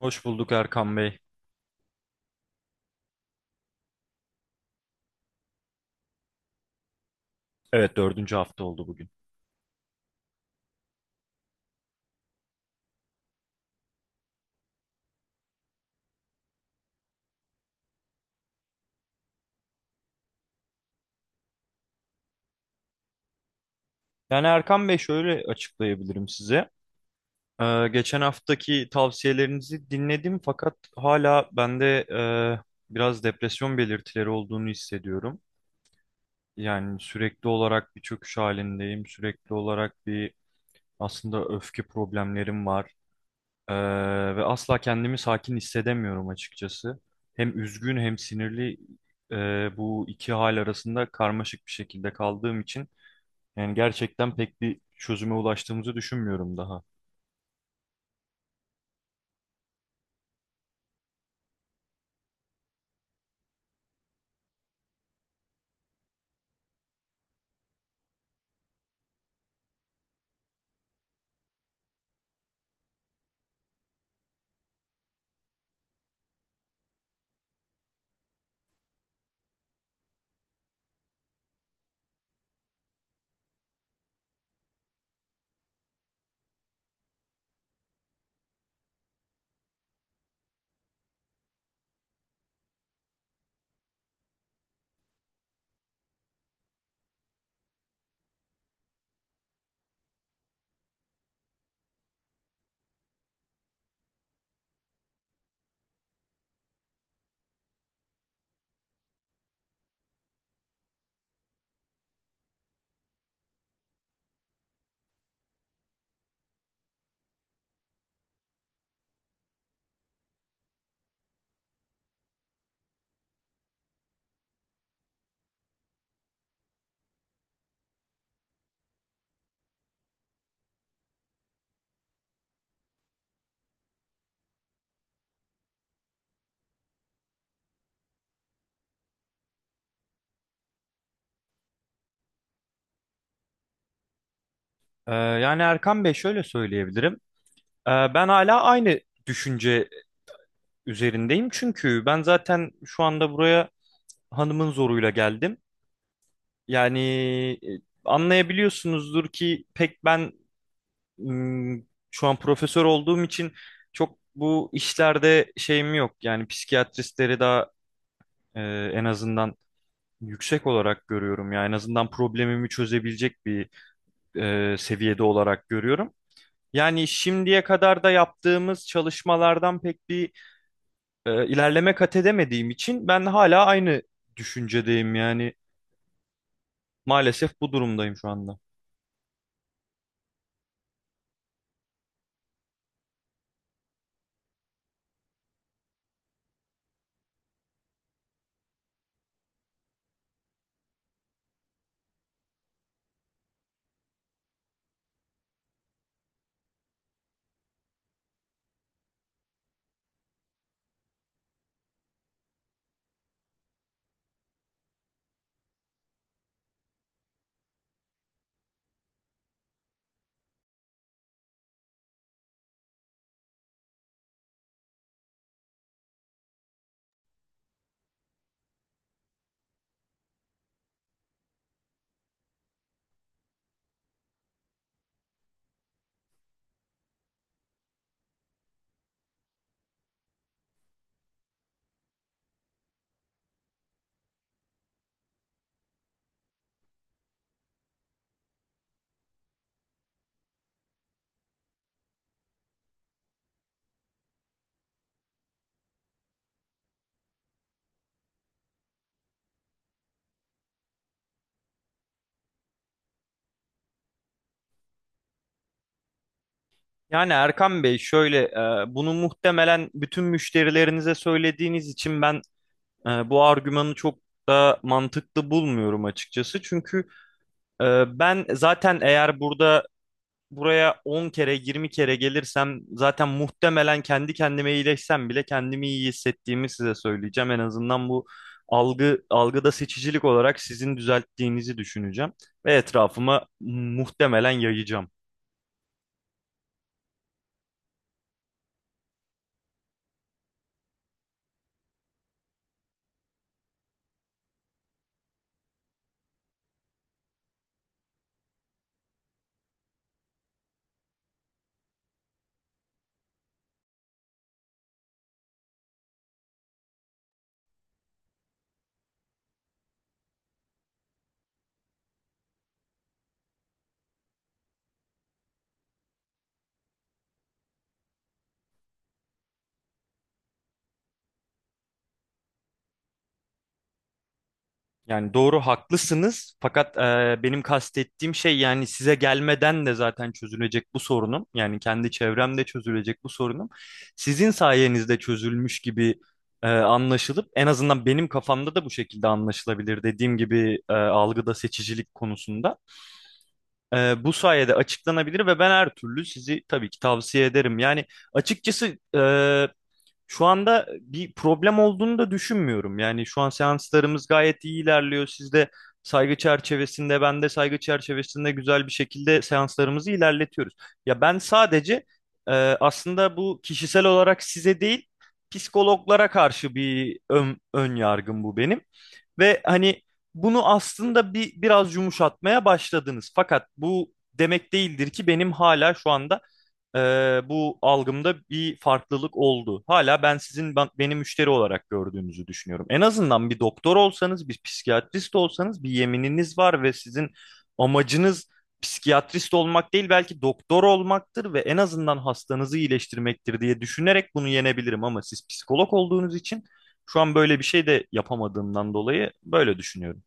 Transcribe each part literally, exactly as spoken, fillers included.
Hoş bulduk Erkan Bey. Evet dördüncü hafta oldu bugün. Yani Erkan Bey şöyle açıklayabilirim size. Ee, geçen haftaki tavsiyelerinizi dinledim fakat hala bende e, biraz depresyon belirtileri olduğunu hissediyorum. Yani sürekli olarak bir çöküş halindeyim. Sürekli olarak bir aslında öfke problemlerim var. Ee, ve asla kendimi sakin hissedemiyorum açıkçası. Hem üzgün hem sinirli, e, bu iki hal arasında karmaşık bir şekilde kaldığım için yani gerçekten pek bir çözüme ulaştığımızı düşünmüyorum daha. Ee, yani Erkan Bey şöyle söyleyebilirim. Ee, ben hala aynı düşünce üzerindeyim. Çünkü ben zaten şu anda buraya hanımın zoruyla geldim. Yani e, anlayabiliyorsunuzdur ki pek ben ım, şu an profesör olduğum için çok bu işlerde şeyim yok. Yani psikiyatristleri daha e, en azından yüksek olarak görüyorum. Yani en azından problemimi çözebilecek bir e, seviyede olarak görüyorum. Yani şimdiye kadar da yaptığımız çalışmalardan pek bir e, ilerleme kat edemediğim için ben hala aynı düşüncedeyim, yani maalesef bu durumdayım şu anda. Yani Erkan Bey, şöyle e, bunu muhtemelen bütün müşterilerinize söylediğiniz için ben e, bu argümanı çok da mantıklı bulmuyorum açıkçası. Çünkü e, ben zaten eğer burada buraya on kere yirmi kere gelirsem zaten muhtemelen kendi kendime iyileşsem bile kendimi iyi hissettiğimi size söyleyeceğim. En azından bu algı algıda seçicilik olarak sizin düzelttiğinizi düşüneceğim ve etrafıma muhtemelen yayacağım. Yani doğru, haklısınız, fakat e, benim kastettiğim şey, yani size gelmeden de zaten çözülecek bu sorunum. Yani kendi çevremde çözülecek bu sorunum. Sizin sayenizde çözülmüş gibi e, anlaşılıp en azından benim kafamda da bu şekilde anlaşılabilir, dediğim gibi, e, algıda seçicilik konusunda. E, bu sayede açıklanabilir ve ben her türlü sizi tabii ki tavsiye ederim. Yani açıkçası e, şu anda bir problem olduğunu da düşünmüyorum. Yani şu an seanslarımız gayet iyi ilerliyor. Siz de saygı çerçevesinde, ben de saygı çerçevesinde güzel bir şekilde seanslarımızı ilerletiyoruz. Ya ben sadece e, aslında bu kişisel olarak size değil, psikologlara karşı bir ön, ön yargım bu benim. Ve hani bunu aslında bir biraz yumuşatmaya başladınız. Fakat bu demek değildir ki benim hala şu anda e, bu algımda bir farklılık oldu. Hala ben sizin ben- beni müşteri olarak gördüğünüzü düşünüyorum. En azından bir doktor olsanız, bir psikiyatrist olsanız, bir yemininiz var ve sizin amacınız psikiyatrist olmak değil belki doktor olmaktır ve en azından hastanızı iyileştirmektir diye düşünerek bunu yenebilirim ama siz psikolog olduğunuz için şu an böyle bir şey de yapamadığımdan dolayı böyle düşünüyorum.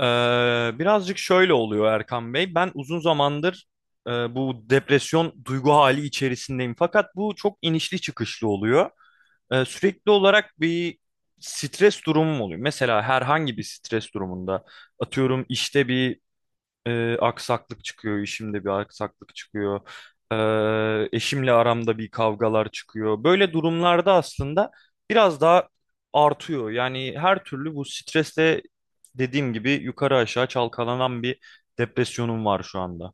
Ee, birazcık şöyle oluyor Erkan Bey. Ben uzun zamandır e, bu depresyon duygu hali içerisindeyim. Fakat bu çok inişli çıkışlı oluyor. Ee, sürekli olarak bir stres durumum oluyor. Mesela herhangi bir stres durumunda, atıyorum işte, bir e, aksaklık çıkıyor, işimde bir aksaklık çıkıyor. E, eşimle aramda bir kavgalar çıkıyor. Böyle durumlarda aslında biraz daha artıyor. Yani her türlü bu stresle dediğim gibi yukarı aşağı çalkalanan bir depresyonum var şu anda.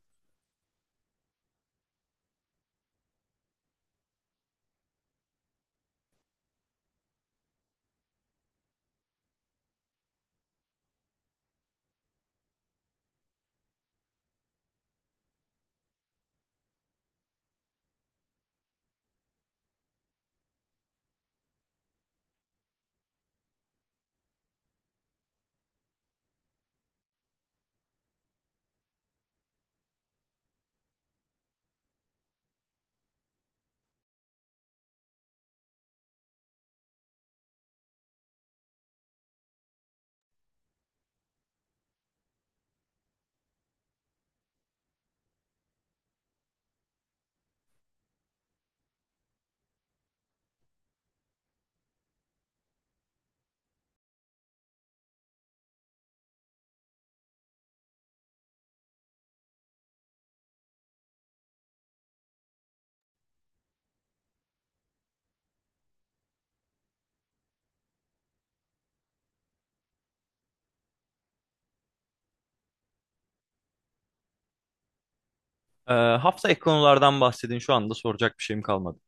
E, hafta ek konulardan bahsedin. Şu anda soracak bir şeyim kalmadı.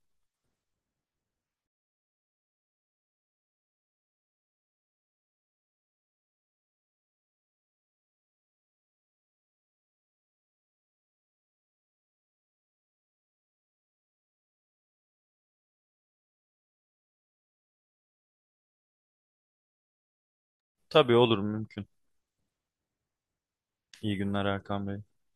Tabii, olur, mümkün. İyi günler Erkan Bey.